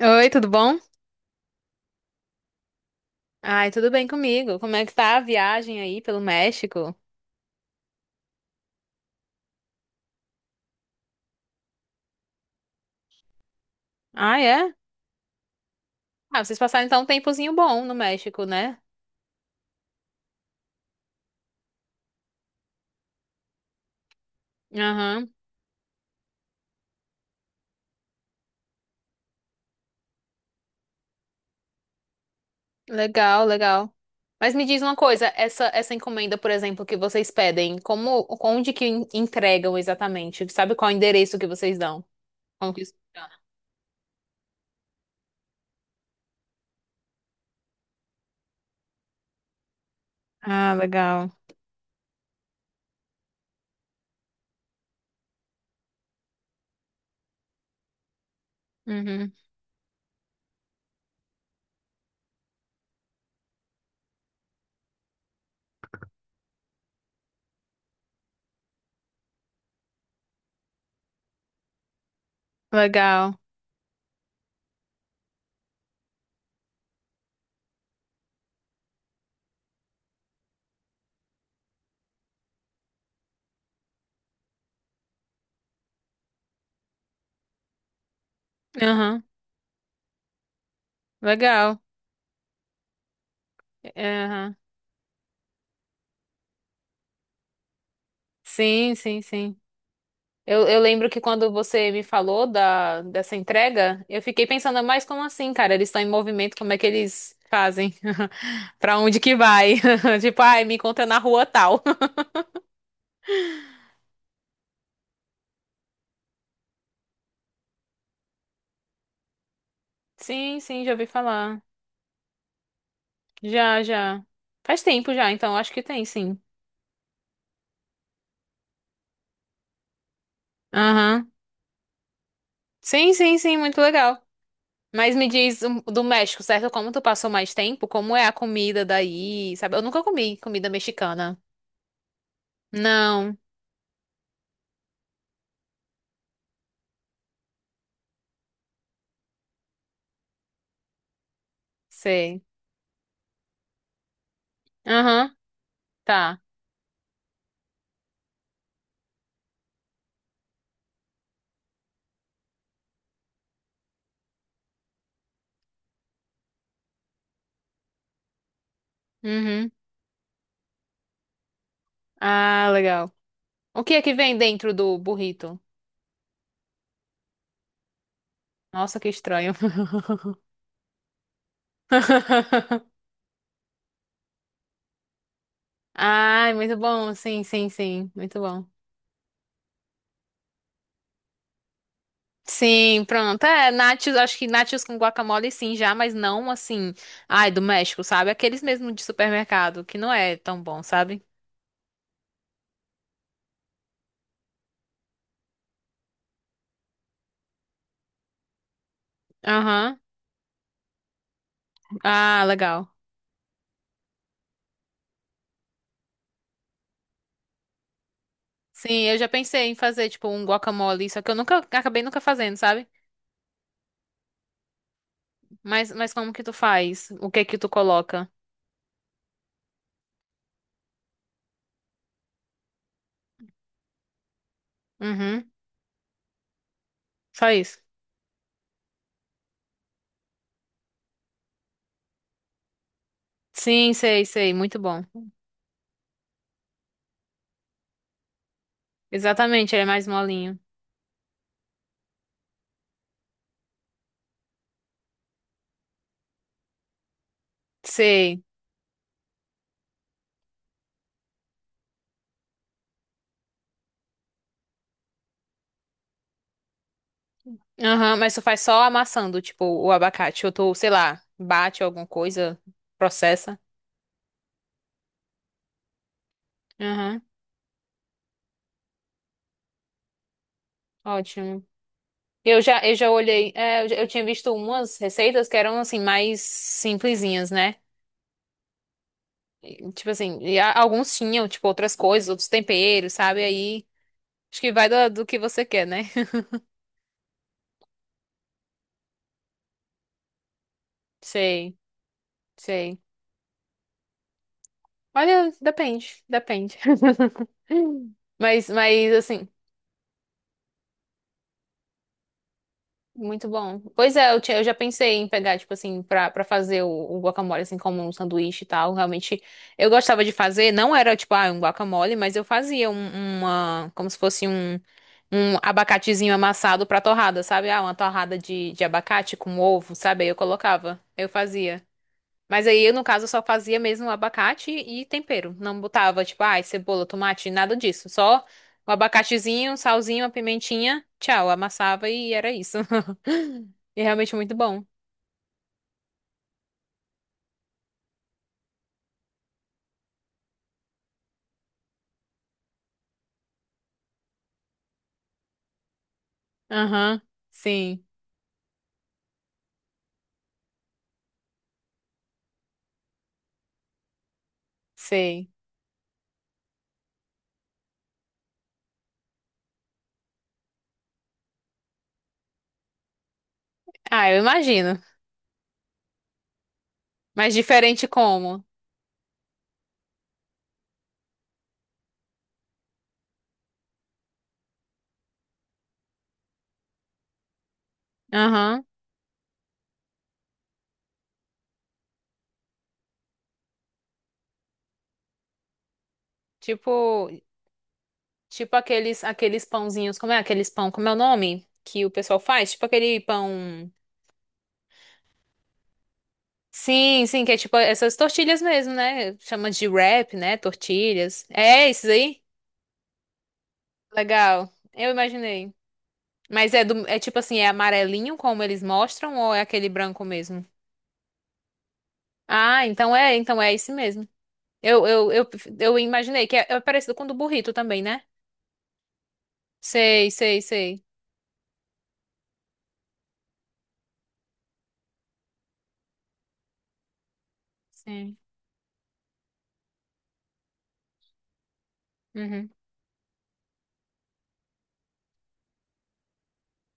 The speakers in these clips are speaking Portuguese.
Oi, tudo bom? Ai, tudo bem comigo. Como é que tá a viagem aí pelo México? Ah, é? Ah, vocês passaram então um tempozinho bom no México, né? Aham. Legal, legal. Mas me diz uma coisa, essa encomenda, por exemplo, que vocês pedem, como onde que entregam exatamente? Sabe qual é o endereço que vocês dão? Como que isso funciona? Ah, legal. Uhum. Legal. Aham. Legal. Aham. Sim, sim, sim. Eu lembro que quando você me falou dessa entrega, eu fiquei pensando, mas como assim, cara? Eles estão em movimento, como é que eles fazem? Pra onde que vai? Tipo, ai, me encontra na rua tal. Sim, sim, já ouvi falar. Já, já. Faz tempo já, então acho que tem, sim. Aham. Sim, sim, sim, muito legal. Mas me diz do México, certo? Como tu passou mais tempo, como é a comida daí, sabe? Eu nunca comi comida mexicana. Não, sei. Aham, tá. Uhum. Ah, legal. O que é que vem dentro do burrito? Nossa, que estranho. Ai, muito bom. Sim, sim, sim. Muito bom. Sim, pronto. É, nachos, acho que nachos com guacamole sim já, mas não assim, ai, do México, sabe? Aqueles mesmo de supermercado, que não é tão bom, sabe? Aham. Ah, legal. Sim, eu já pensei em fazer tipo um guacamole, só que eu nunca acabei nunca fazendo, sabe? Mas como que tu faz? O que é que tu coloca? Uhum. Só isso. Sim, sei, sei, muito bom. Exatamente, ele é mais molinho. Sei. Aham, mas tu faz só amassando, tipo, o abacate. Ou tu, sei lá, bate alguma coisa, processa. Aham, ótimo. Eu já olhei, é, eu tinha visto umas receitas que eram, assim, mais simplesinhas, né? E tipo assim, e alguns tinham, tipo, outras coisas, outros temperos, sabe? Aí, acho que vai do que você quer, né? Sei, sei. Olha, depende, depende. Assim. Muito bom. Pois é, eu já pensei em pegar, tipo assim, pra fazer o guacamole, assim, como um sanduíche e tal. Realmente, eu gostava de fazer. Não era, tipo, ah, um guacamole, mas eu fazia uma... Como se fosse um abacatezinho amassado pra torrada, sabe? Ah, uma torrada de abacate com ovo, sabe? Aí eu colocava. Eu fazia. Mas aí eu, no caso, só fazia mesmo o abacate e tempero. Não botava, tipo, ai, cebola, tomate, nada disso. Só o abacatezinho, um salzinho, a pimentinha, tchau. Amassava e era isso. E é realmente muito bom. Aham, sim, sei. Ah, eu imagino. Mas diferente como? Aham. Tipo, tipo aqueles, aqueles pãozinhos, como é aqueles pão, como é o nome que o pessoal faz? Tipo aquele pão. Sim, sim, que é tipo essas tortilhas mesmo, né? Chama de wrap, né? Tortilhas. É esses aí? Legal. Eu imaginei. Mas é do, é tipo assim, é amarelinho como eles mostram ou é aquele branco mesmo? Ah, então é esse mesmo. Eu, eu, eu, eu imaginei que é, é parecido com o do burrito também, né? Sei, sei, sei. Sim. Uhum.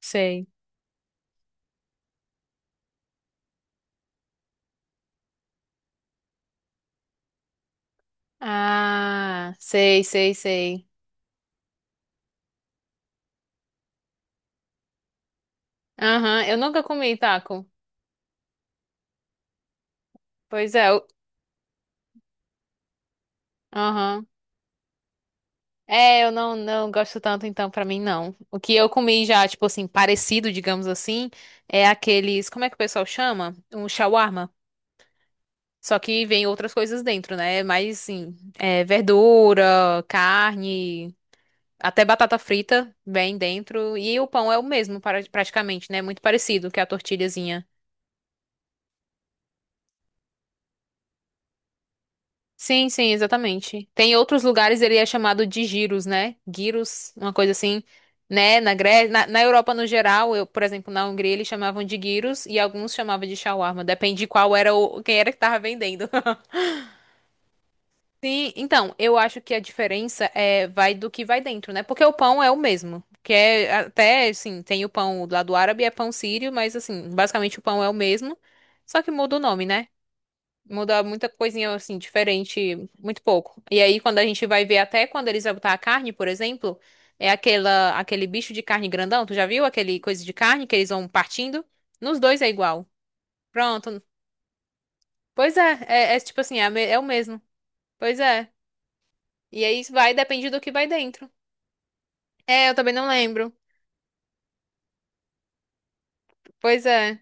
Sei. Ah, sei, sei, sei. Aham, eu nunca comi taco. Pois é, aham. É, eu não, não gosto tanto, então, pra mim, não. O que eu comi já, tipo assim, parecido, digamos assim, é aqueles. Como é que o pessoal chama? Um shawarma. Só que vem outras coisas dentro, né? Mas, assim, é, verdura, carne, até batata frita vem dentro. E o pão é o mesmo, praticamente, né? Muito parecido que a tortilhazinha. Sim, sim, exatamente. Tem outros lugares, ele é chamado de giros, né? Gyros, uma coisa assim, né? Na Grécia, na Europa no geral, eu, por exemplo, na Hungria eles chamavam de gyros e alguns chamavam de shawarma, depende de qual era o quem era que tava vendendo. Sim, então, eu acho que a diferença é vai do que vai dentro, né? Porque o pão é o mesmo, que é até, assim, tem o pão lá do árabe, é pão sírio, mas assim, basicamente o pão é o mesmo, só que muda o nome, né? Muda muita coisinha assim, diferente, muito pouco. E aí, quando a gente vai ver até quando eles vão botar a carne, por exemplo, é aquela, aquele bicho de carne grandão. Tu já viu aquele coisa de carne que eles vão partindo? Nos dois é igual. Pronto. Pois é, é, é tipo assim, é, é o mesmo. Pois é. E aí isso vai, depende do que vai dentro. É, eu também não lembro. Pois é.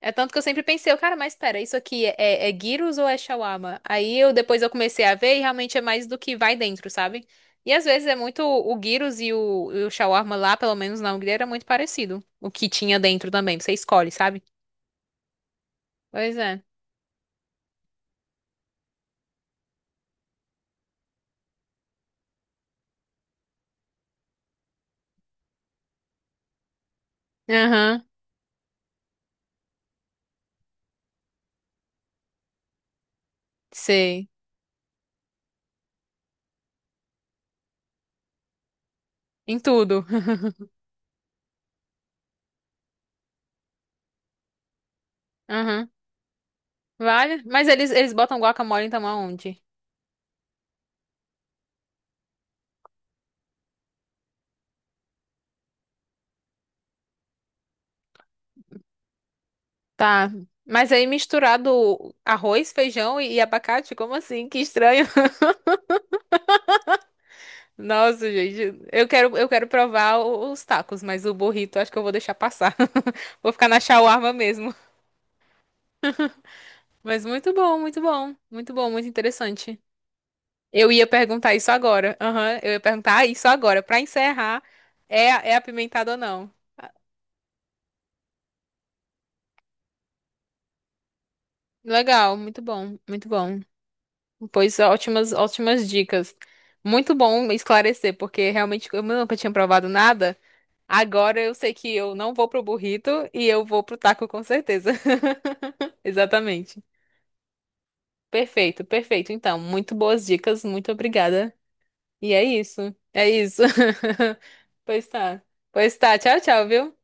É tanto que eu sempre pensei, eu, cara, mas espera, isso aqui é, é gyros ou é shawarma? Aí eu depois eu comecei a ver e realmente é mais do que vai dentro, sabe? E às vezes é muito o gyros e o shawarma lá, pelo menos na Hungria, era muito parecido. O que tinha dentro também, você escolhe, sabe? Pois é. Aham, sei. Em tudo. Aham. Vale? Mas eles botam guacamole então aonde? Tá. Mas aí misturado arroz, feijão e abacate, como assim? Que estranho. Nossa, gente, eu quero provar os tacos, mas o burrito acho que eu vou deixar passar. Vou ficar na shawarma mesmo. Mas muito bom, muito bom, muito bom, muito interessante. Eu ia perguntar isso agora. Aham, eu ia perguntar ah, isso agora. Pra encerrar, é, é apimentado ou não? Legal, muito bom, muito bom. Pois ótimas, ótimas dicas. Muito bom esclarecer, porque realmente eu nunca tinha provado nada. Agora eu sei que eu não vou pro burrito e eu vou pro taco com certeza. Exatamente. Perfeito, perfeito. Então, muito boas dicas, muito obrigada. E é isso. É isso. Pois tá. Pois tá. Tchau, tchau, viu?